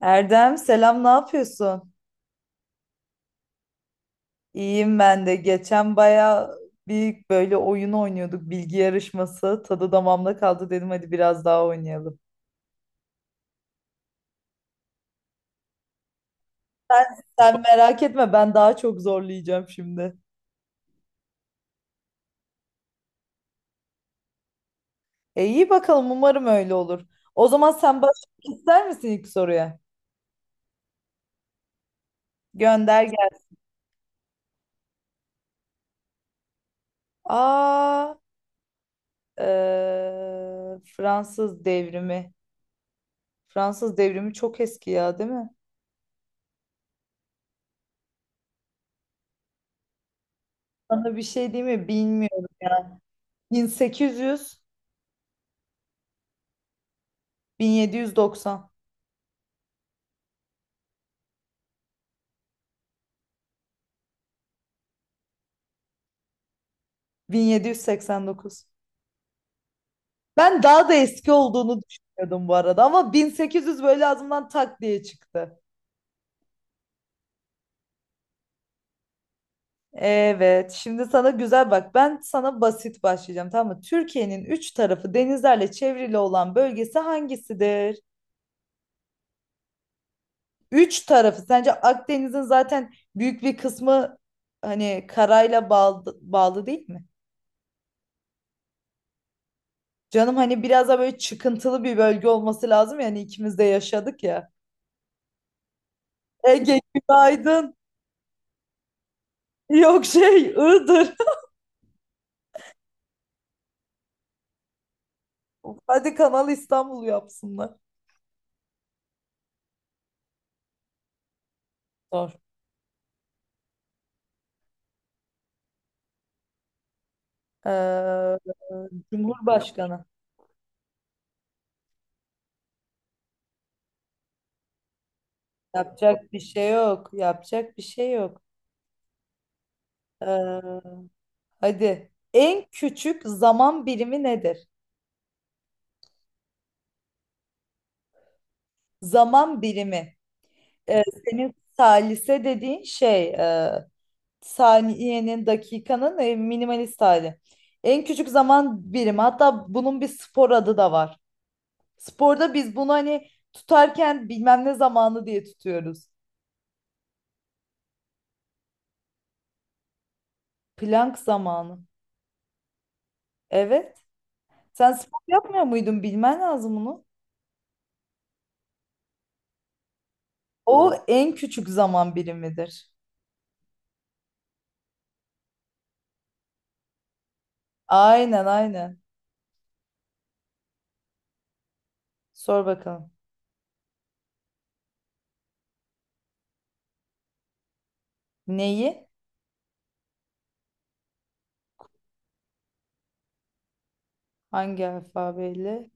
Erdem selam, ne yapıyorsun? İyiyim ben de. Geçen baya bir böyle oyun oynuyorduk, bilgi yarışması. Tadı damağımda kaldı, dedim hadi biraz daha oynayalım. Sen merak etme, ben daha çok zorlayacağım şimdi. E iyi bakalım, umarım öyle olur. O zaman sen başlamak ister misin ilk soruya? Gönder gel. Aa, Fransız devrimi. Fransız devrimi çok eski ya, değil mi? Sana bir şey diyeyim mi? Bilmiyorum ya. 1800. 1790. 1789. Ben daha da eski olduğunu düşünüyordum bu arada, ama 1800 böyle ağzımdan tak diye çıktı. Evet, şimdi sana güzel bak. Ben sana basit başlayacağım, tamam mı? Türkiye'nin üç tarafı denizlerle çevrili olan bölgesi hangisidir? Üç tarafı. Sence Akdeniz'in zaten büyük bir kısmı hani karayla bağlı, değil mi? Canım hani biraz da böyle çıkıntılı bir bölge olması lazım, yani ikimiz de yaşadık ya. Ege günaydın. Yok şey, Iğdır. Hadi Kanal İstanbul yapsınlar. Zor. Ee, Cumhurbaşkanı. Yapacak bir şey yok. Yapacak bir şey yok. Ee, hadi. En küçük zaman birimi nedir? Zaman birimi. Senin salise dediğin şey saniyenin, dakikanın minimalist hali. En küçük zaman birimi. Hatta bunun bir spor adı da var. Sporda biz bunu hani tutarken bilmem ne zamanı diye tutuyoruz. Plank zamanı. Evet. Sen spor yapmıyor muydun? Bilmen lazım bunu. O en küçük zaman birimidir. Aynen aynen. Sor bakalım. Neyi? Hangi alfabeyle?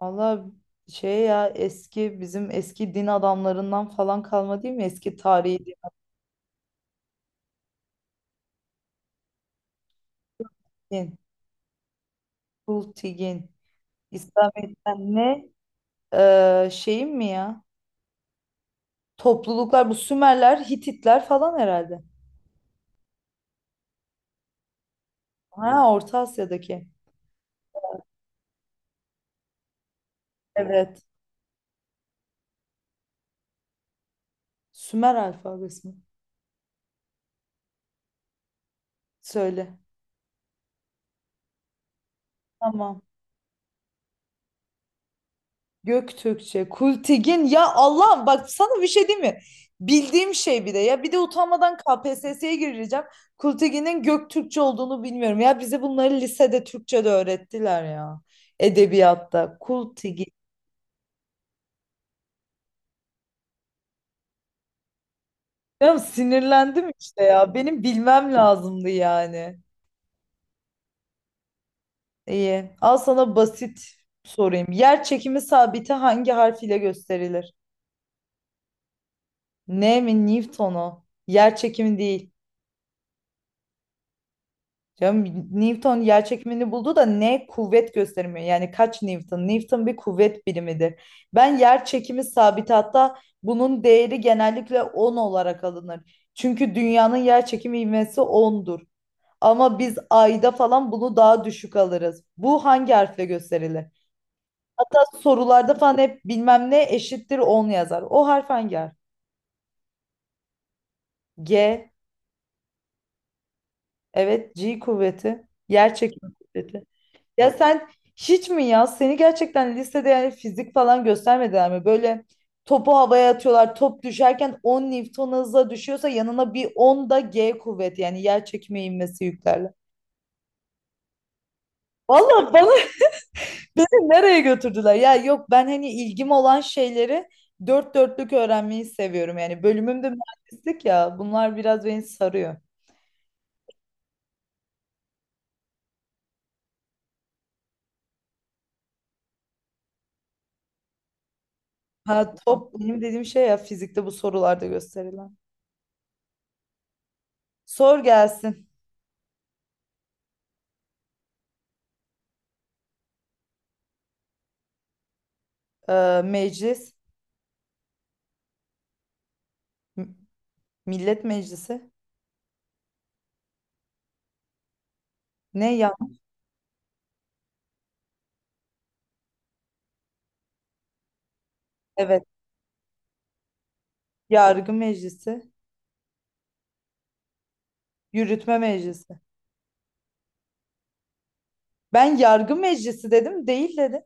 Valla şey ya, eski bizim eski din adamlarından falan kalma değil mi? Eski tarihi din. Kultigin. İslamiyet'ten ne? Şeyim mi ya? Topluluklar bu Sümerler, Hititler falan herhalde. Ha, Orta Asya'daki. Evet. Sümer alfabesi mi? Söyle. Tamam. Göktürkçe, Kultigin ya Allah'ım, bak sana bir şey diyeyim mi? Bildiğim şey bir de ya, bir de utanmadan KPSS'ye gireceğim. Kultigin'in Göktürkçe olduğunu bilmiyorum. Ya bize bunları lisede Türkçe'de öğrettiler ya. Edebiyatta Kultigin. Ya sinirlendim işte ya. Benim bilmem lazımdı yani. İyi. Al sana basit sorayım. Yer çekimi sabiti hangi harf ile gösterilir? Ne mi, Newton'u? Yer çekimi değil. Canım Newton yer çekimini buldu da, ne kuvvet göstermiyor. Yani kaç Newton? Newton bir kuvvet birimidir. Ben yer çekimi sabiti, hatta bunun değeri genellikle 10 olarak alınır. Çünkü dünyanın yer çekimi ivmesi 10'dur. Ama biz ayda falan bunu daha düşük alırız. Bu hangi harfle gösterilir? Hatta sorularda falan hep bilmem ne eşittir 10 yazar. O harf hangi harf? G. Evet, G kuvveti. Yer çekimi kuvveti. Ya sen hiç mi ya? Seni gerçekten lisede yani fizik falan göstermediler mi? Böyle topu havaya atıyorlar. Top düşerken 10 Newton hızla düşüyorsa, yanına bir 10 da G kuvveti yani yer çekimi inmesi yüklerle. Vallahi bana beni nereye götürdüler? Ya yok, ben hani ilgim olan şeyleri dört dörtlük öğrenmeyi seviyorum. Yani bölümüm de mühendislik ya. Bunlar biraz beni sarıyor. Ha top, benim dediğim şey ya fizikte bu sorularda gösterilen. Sor gelsin. e, Meclis. Millet Meclisi. Ne ya? Evet. Yargı Meclisi. Yürütme Meclisi. Ben yargı meclisi dedim. Değil dedi.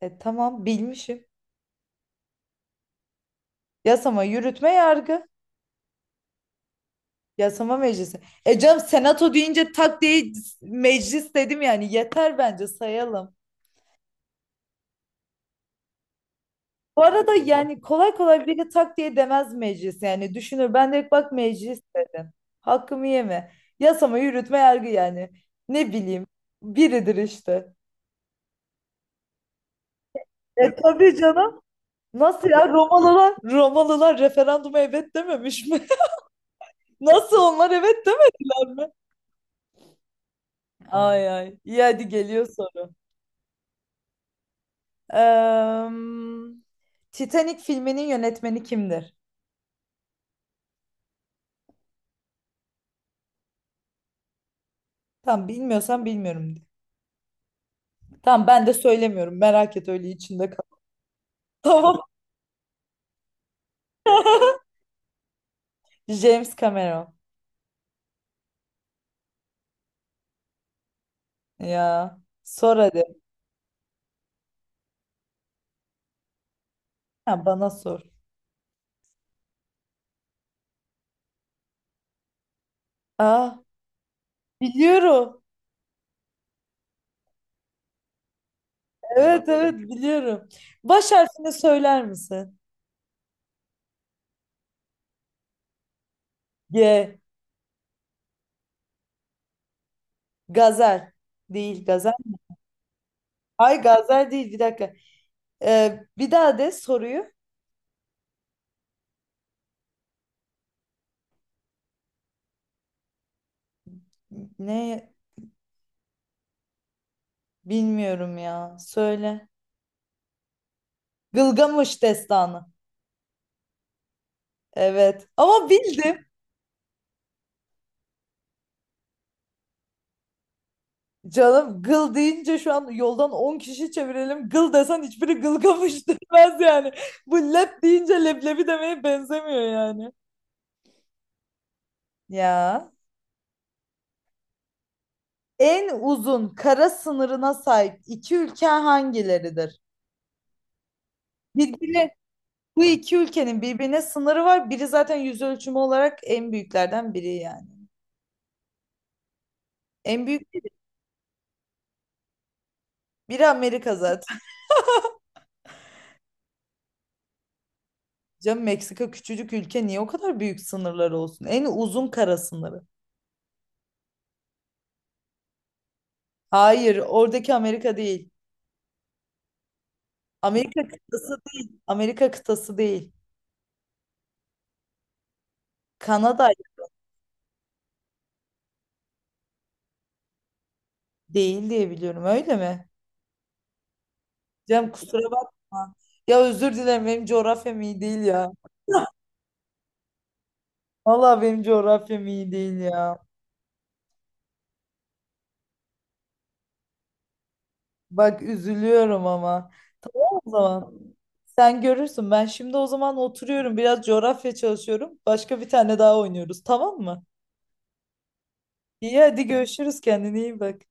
E tamam bilmişim. Yasama, yürütme, yargı. Yasama meclisi. E canım senato deyince tak diye meclis dedim yani. Yeter bence, sayalım. Bu arada yani kolay kolay biri tak diye demez meclis. Yani düşünür, ben de bak meclis dedim. Hakkımı yeme. Yasama, yürütme, yargı yani. Ne bileyim. Biridir işte. E tabii canım. Nasıl ya, Romalılar referanduma evet dememiş mi? Nasıl onlar evet demediler mi? Ay ay. İyi hadi, geliyor soru. Eee, Titanic filminin yönetmeni kimdir? Tamam bilmiyorsan bilmiyorum de. Tamam ben de söylemiyorum. Merak et, öyle içinde kal. Tamam. James Cameron. Ya sor hadi. Ha, bana sor. Aa, biliyorum. Evet evet, biliyorum. Baş harfini söyler misin? G. Gazel. Değil gazel. Ay, Gazel değil, bir dakika. Bir daha de soruyu. Ne bilmiyorum ya. Söyle. Gılgamış destanı. Evet. Ama bildim. Canım gıl deyince şu an yoldan 10 kişi çevirelim. Gıl desen hiçbiri gılgamış demez yani. Bu lep deyince leblebi demeye benzemiyor yani. Ya. En uzun kara sınırına sahip iki ülke hangileridir? Birbirine bu iki ülkenin birbirine sınırı var. Biri zaten yüz ölçümü olarak en büyüklerden biri yani. En büyük biri Amerika zaten. Canım, Meksika küçücük ülke, niye o kadar büyük sınırları olsun? En uzun kara sınırı. Hayır, oradaki Amerika değil. Amerika kıtası değil. Amerika kıtası değil. Kanada değil diye biliyorum, öyle mi? Canım kusura bakma. Ya özür dilerim, benim coğrafyam iyi değil ya. Vallahi benim coğrafyam iyi değil ya. Bak üzülüyorum ama. Tamam o zaman. Sen görürsün. Ben şimdi o zaman oturuyorum. Biraz coğrafya çalışıyorum. Başka bir tane daha oynuyoruz, tamam mı? İyi hadi görüşürüz. Kendine iyi bak.